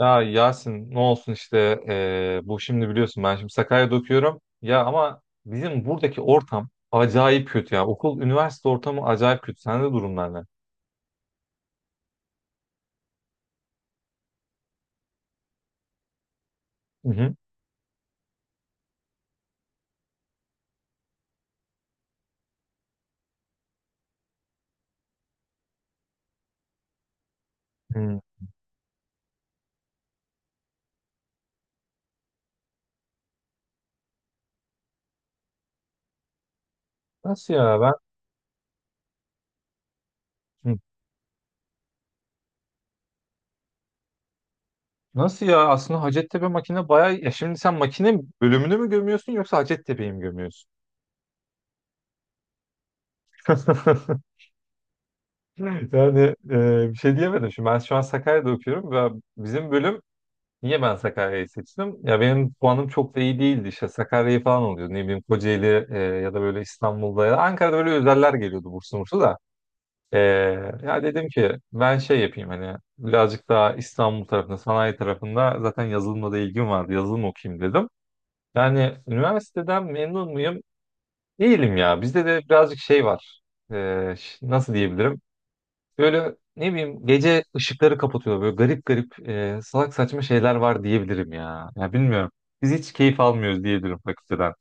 Ya Yasin, ne olsun işte bu şimdi biliyorsun, ben şimdi Sakarya'da okuyorum. Ya ama bizim buradaki ortam acayip kötü ya. Okul, üniversite ortamı acayip kötü. Sende durumlar ne? Hı hı. Hı. Nasıl ya ben? Hı. Nasıl ya? Aslında Hacettepe makine bayağı... Ya şimdi sen makine bölümünü mü gömüyorsun, yoksa Hacettepe'yi mi gömüyorsun? Yani bir şey diyemedim. Şimdi ben şu an Sakarya'da okuyorum ve bizim bölüm, niye ben Sakarya'yı seçtim? Ya benim puanım çok da iyi değildi. İşte Sakarya'yı falan oluyordu. Ne bileyim, Kocaeli, ya da böyle İstanbul'da ya da Ankara'da böyle özeller geliyordu, burslu burslu da. E, ya dedim ki ben şey yapayım, hani birazcık daha İstanbul tarafında, sanayi tarafında, zaten yazılımla da ilgim vardı. Yazılım okuyayım dedim. Yani üniversiteden memnun muyum? Değilim ya. Bizde de birazcık şey var. Nasıl diyebilirim? Böyle ne bileyim, gece ışıkları kapatıyor. Böyle garip garip, salak saçma şeyler var, diyebilirim ya. Ya bilmiyorum. Biz hiç keyif almıyoruz diyebilirim fakülteden.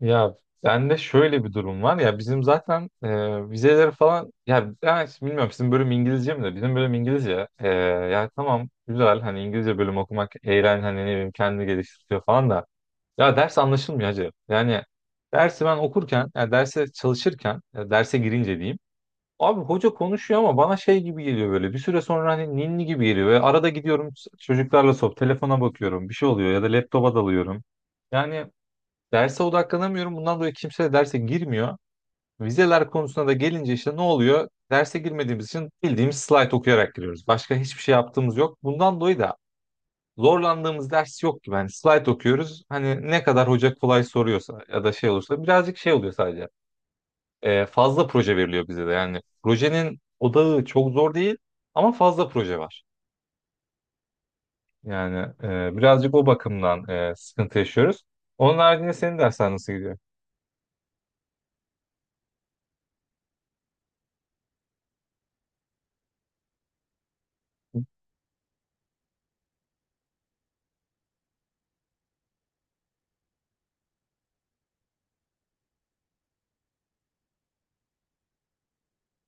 Ya bende şöyle bir durum var ya, bizim zaten vizeleri falan, ya ben hiç bilmiyorum, sizin bölüm İngilizce mi, de bizim bölüm İngilizce. Ya tamam, güzel, hani İngilizce bölüm okumak eğlen, hani ne bileyim, kendini geliştiriyor falan da, ya ders anlaşılmıyor hacı yani. Dersi ben okurken, ya derse çalışırken, ya derse girince diyeyim, abi hoca konuşuyor ama bana şey gibi geliyor böyle. Bir süre sonra hani ninni gibi geliyor. Ve arada gidiyorum, çocuklarla sohbet, telefona bakıyorum. Bir şey oluyor ya da laptopa dalıyorum. Yani derse odaklanamıyorum. Bundan dolayı kimse de derse girmiyor. Vizeler konusuna da gelince işte ne oluyor? Derse girmediğimiz için bildiğimiz slide okuyarak giriyoruz. Başka hiçbir şey yaptığımız yok. Bundan dolayı da zorlandığımız ders yok gibi. Hani slide okuyoruz. Hani ne kadar hoca kolay soruyorsa ya da şey olursa birazcık şey oluyor sadece. Fazla proje veriliyor bize de. Yani projenin odağı çok zor değil, ama fazla proje var. Yani birazcık o bakımdan sıkıntı yaşıyoruz. Onun haricinde senin dersler nasıl gidiyor?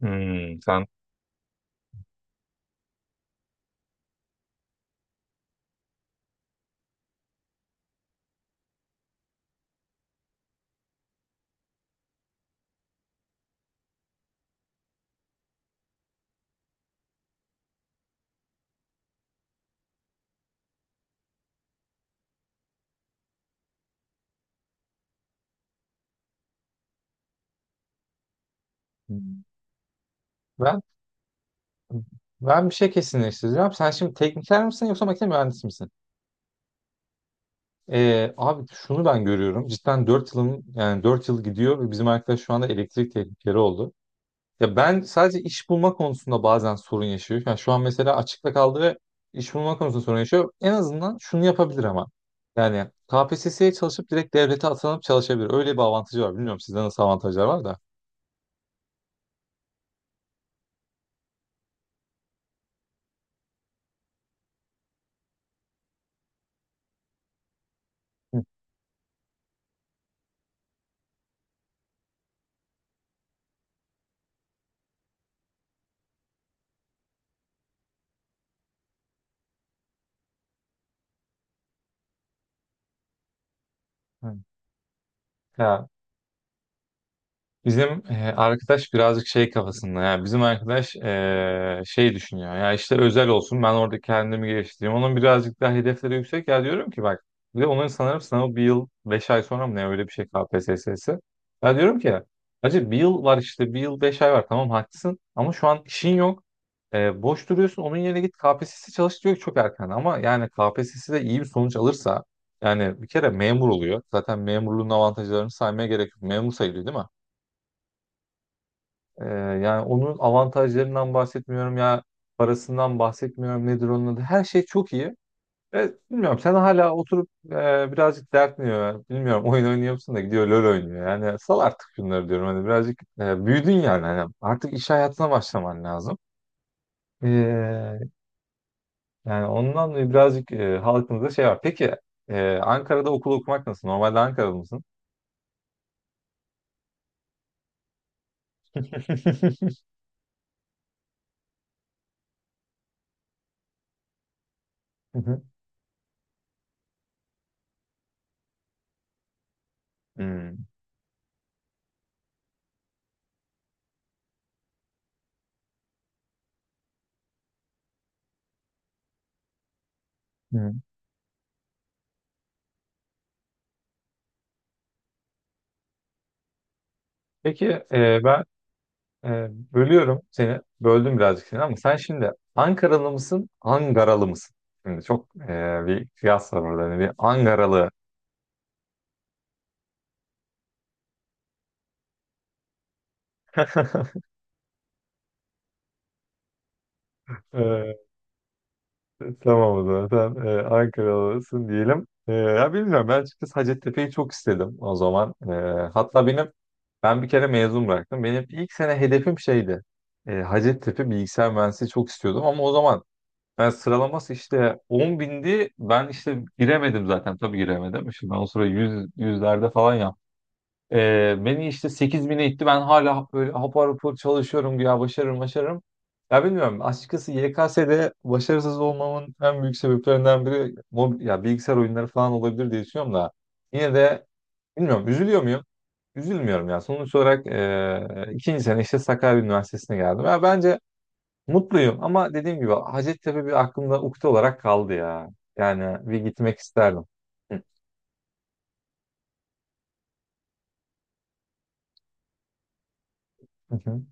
Hmm, sen. Ben ben bir şey kesinleştireceğim. Sen şimdi tekniker misin, yoksa makine mühendisi misin? Abi, şunu ben görüyorum. Cidden 4 yılım, yani 4 yıl gidiyor ve bizim arkadaş şu anda elektrik teknikeri oldu. Ya ben sadece iş bulma konusunda bazen sorun yaşıyorum. Yani şu an mesela açıkta kaldı ve iş bulma konusunda sorun yaşıyor. En azından şunu yapabilir ama. Yani KPSS'ye çalışıp direkt devlete atanıp çalışabilir. Öyle bir avantajı var. Bilmiyorum sizde nasıl avantajlar var da. Hı. Hı. Ya bizim arkadaş birazcık şey kafasında, ya bizim arkadaş şey düşünüyor, ya işte özel olsun, ben orada kendimi geliştireyim, onun birazcık daha hedefleri yüksek. Ya diyorum ki bak, bir de onların sanırım sınavı bir yıl beş ay sonra mı ne, öyle bir şey KPSS'si. Ya diyorum ki acı, bir yıl var işte, bir yıl beş ay var, tamam haklısın, ama şu an işin yok. Boş duruyorsun, onun yerine git KPSS çalış. Diyor ki çok erken. Ama yani K P S S de iyi bir sonuç alırsa, yani bir kere memur oluyor, zaten memurluğun avantajlarını saymaya gerek yok, memur sayılıyor değil mi? Ee, Yani onun avantajlarından bahsetmiyorum ya, parasından bahsetmiyorum, nedir onun adı. Her şey çok iyi. Evet, bilmiyorum, sen hala oturup birazcık dertmiyor. Bilmiyorum, oyun oynuyor musun? Da gidiyor LoL oynuyor. Yani sal artık şunları diyorum. Hani birazcık büyüdün yani. Hani artık iş hayatına başlaman lazım. Ee, Yani ondan dolayı birazcık halkımızda şey var. Peki Ankara'da okul okumak nasıl? Normalde Ankara'da mısın? Hı hı. Hmm. Peki ben. Ee, Bölüyorum seni. Böldüm birazcık seni, ama sen şimdi Ankaralı mısın, Angaralı mısın? Şimdi çok bir kıyas var orada. Hani bir Angaralı. Ee, tamam o zaman. Sen Ankaralısın diyelim. Ya bilmiyorum. Ben açıkçası Hacettepe'yi çok istedim o zaman. Hatta benim, bir kere mezun bıraktım. Benim ilk sene hedefim şeydi. Hacettepe bilgisayar mühendisliği çok istiyordum, ama o zaman ben sıralaması işte 10 bindi. Ben işte giremedim zaten. Tabii giremedim. Şimdi ben o sıra 100, yüzlerde falan yaptım. Beni işte 8 bine itti. Ben hala böyle hapar hapar çalışıyorum. Ya başarırım, başarırım. Ya bilmiyorum. Açıkçası YKS'de başarısız olmamın en büyük sebeplerinden biri ya bilgisayar oyunları falan olabilir diye düşünüyorum da. Yine de bilmiyorum. Üzülüyor muyum? Üzülmüyorum ya. Sonuç olarak ikinci sene işte Sakarya Üniversitesi'ne geldim. Ya bence mutluyum, ama dediğim gibi Hacettepe bir aklımda ukde olarak kaldı ya. Yani bir gitmek isterdim. Hı hı.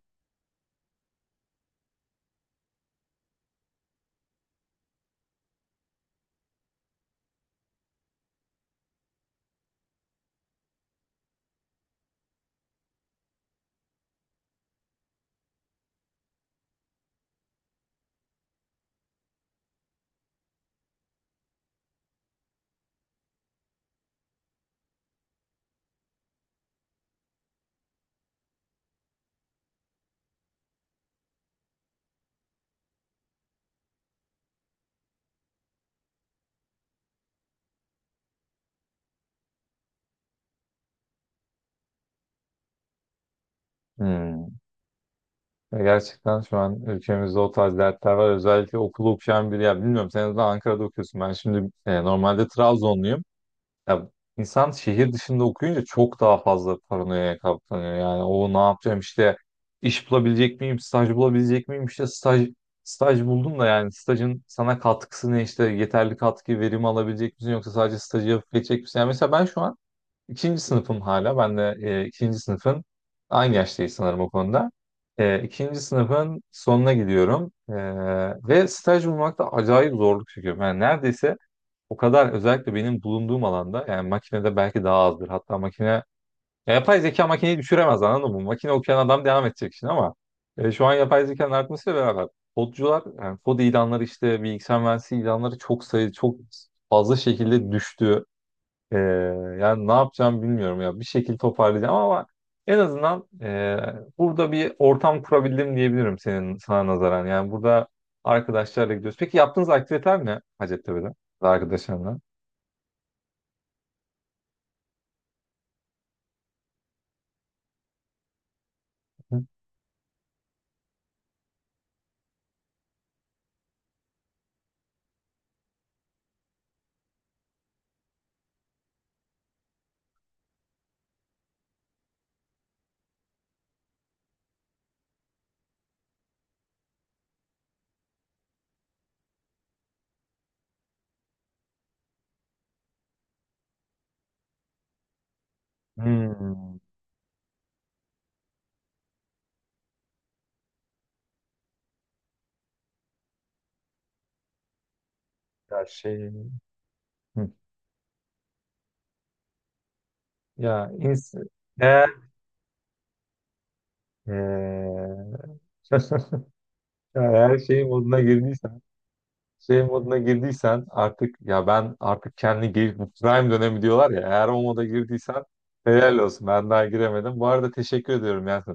Hmm. Ya gerçekten şu an ülkemizde o tarz dertler var. Özellikle okulu okuyan biri, ya bilmiyorum, sen de Ankara'da okuyorsun. Ben şimdi normalde Trabzonluyum. Ya insan şehir dışında okuyunca çok daha fazla paranoyaya kaplanıyor. Yani o ne yapacağım işte, iş bulabilecek miyim, staj bulabilecek miyim, işte staj buldum da, yani stajın sana katkısı ne, işte yeterli katkı verimi alabilecek misin, yoksa sadece stajı yapıp geçecek misin? Yani mesela ben şu an ikinci sınıfım, hala ben de ikinci sınıfın, aynı yaştayız sanırım o konuda. İkinci sınıfın sonuna gidiyorum. Ve staj bulmakta acayip zorluk çekiyorum. Yani neredeyse, o kadar, özellikle benim bulunduğum alanda, yani makinede belki daha azdır. Hatta makine, ya yapay zeka makineyi düşüremez, anladın mı? Makine okuyan adam devam edecek şimdi, ama şu an yapay zekanın artmasıyla beraber kodcular, yani kod ilanları, işte bilgisayar mühendisliği ilanları çok sayı çok fazla şekilde düştü. E, Yani ne yapacağım bilmiyorum, ya bir şekilde toparlayacağım, ama en azından burada bir ortam kurabildim diyebilirim senin, sana nazaran. Yani burada arkadaşlarla gidiyoruz. Peki yaptığınız aktiviteler ne Hacettepe'de arkadaşlarla? Hmm, ya şey Hı. ya ins eğer eee, ya eğer şey moduna girdiysen şey moduna girdiysen artık, ya ben artık bu prime dönemi diyorlar ya, eğer o moda girdiysen helal olsun, ben daha giremedim. Bu arada teşekkür ediyorum ya.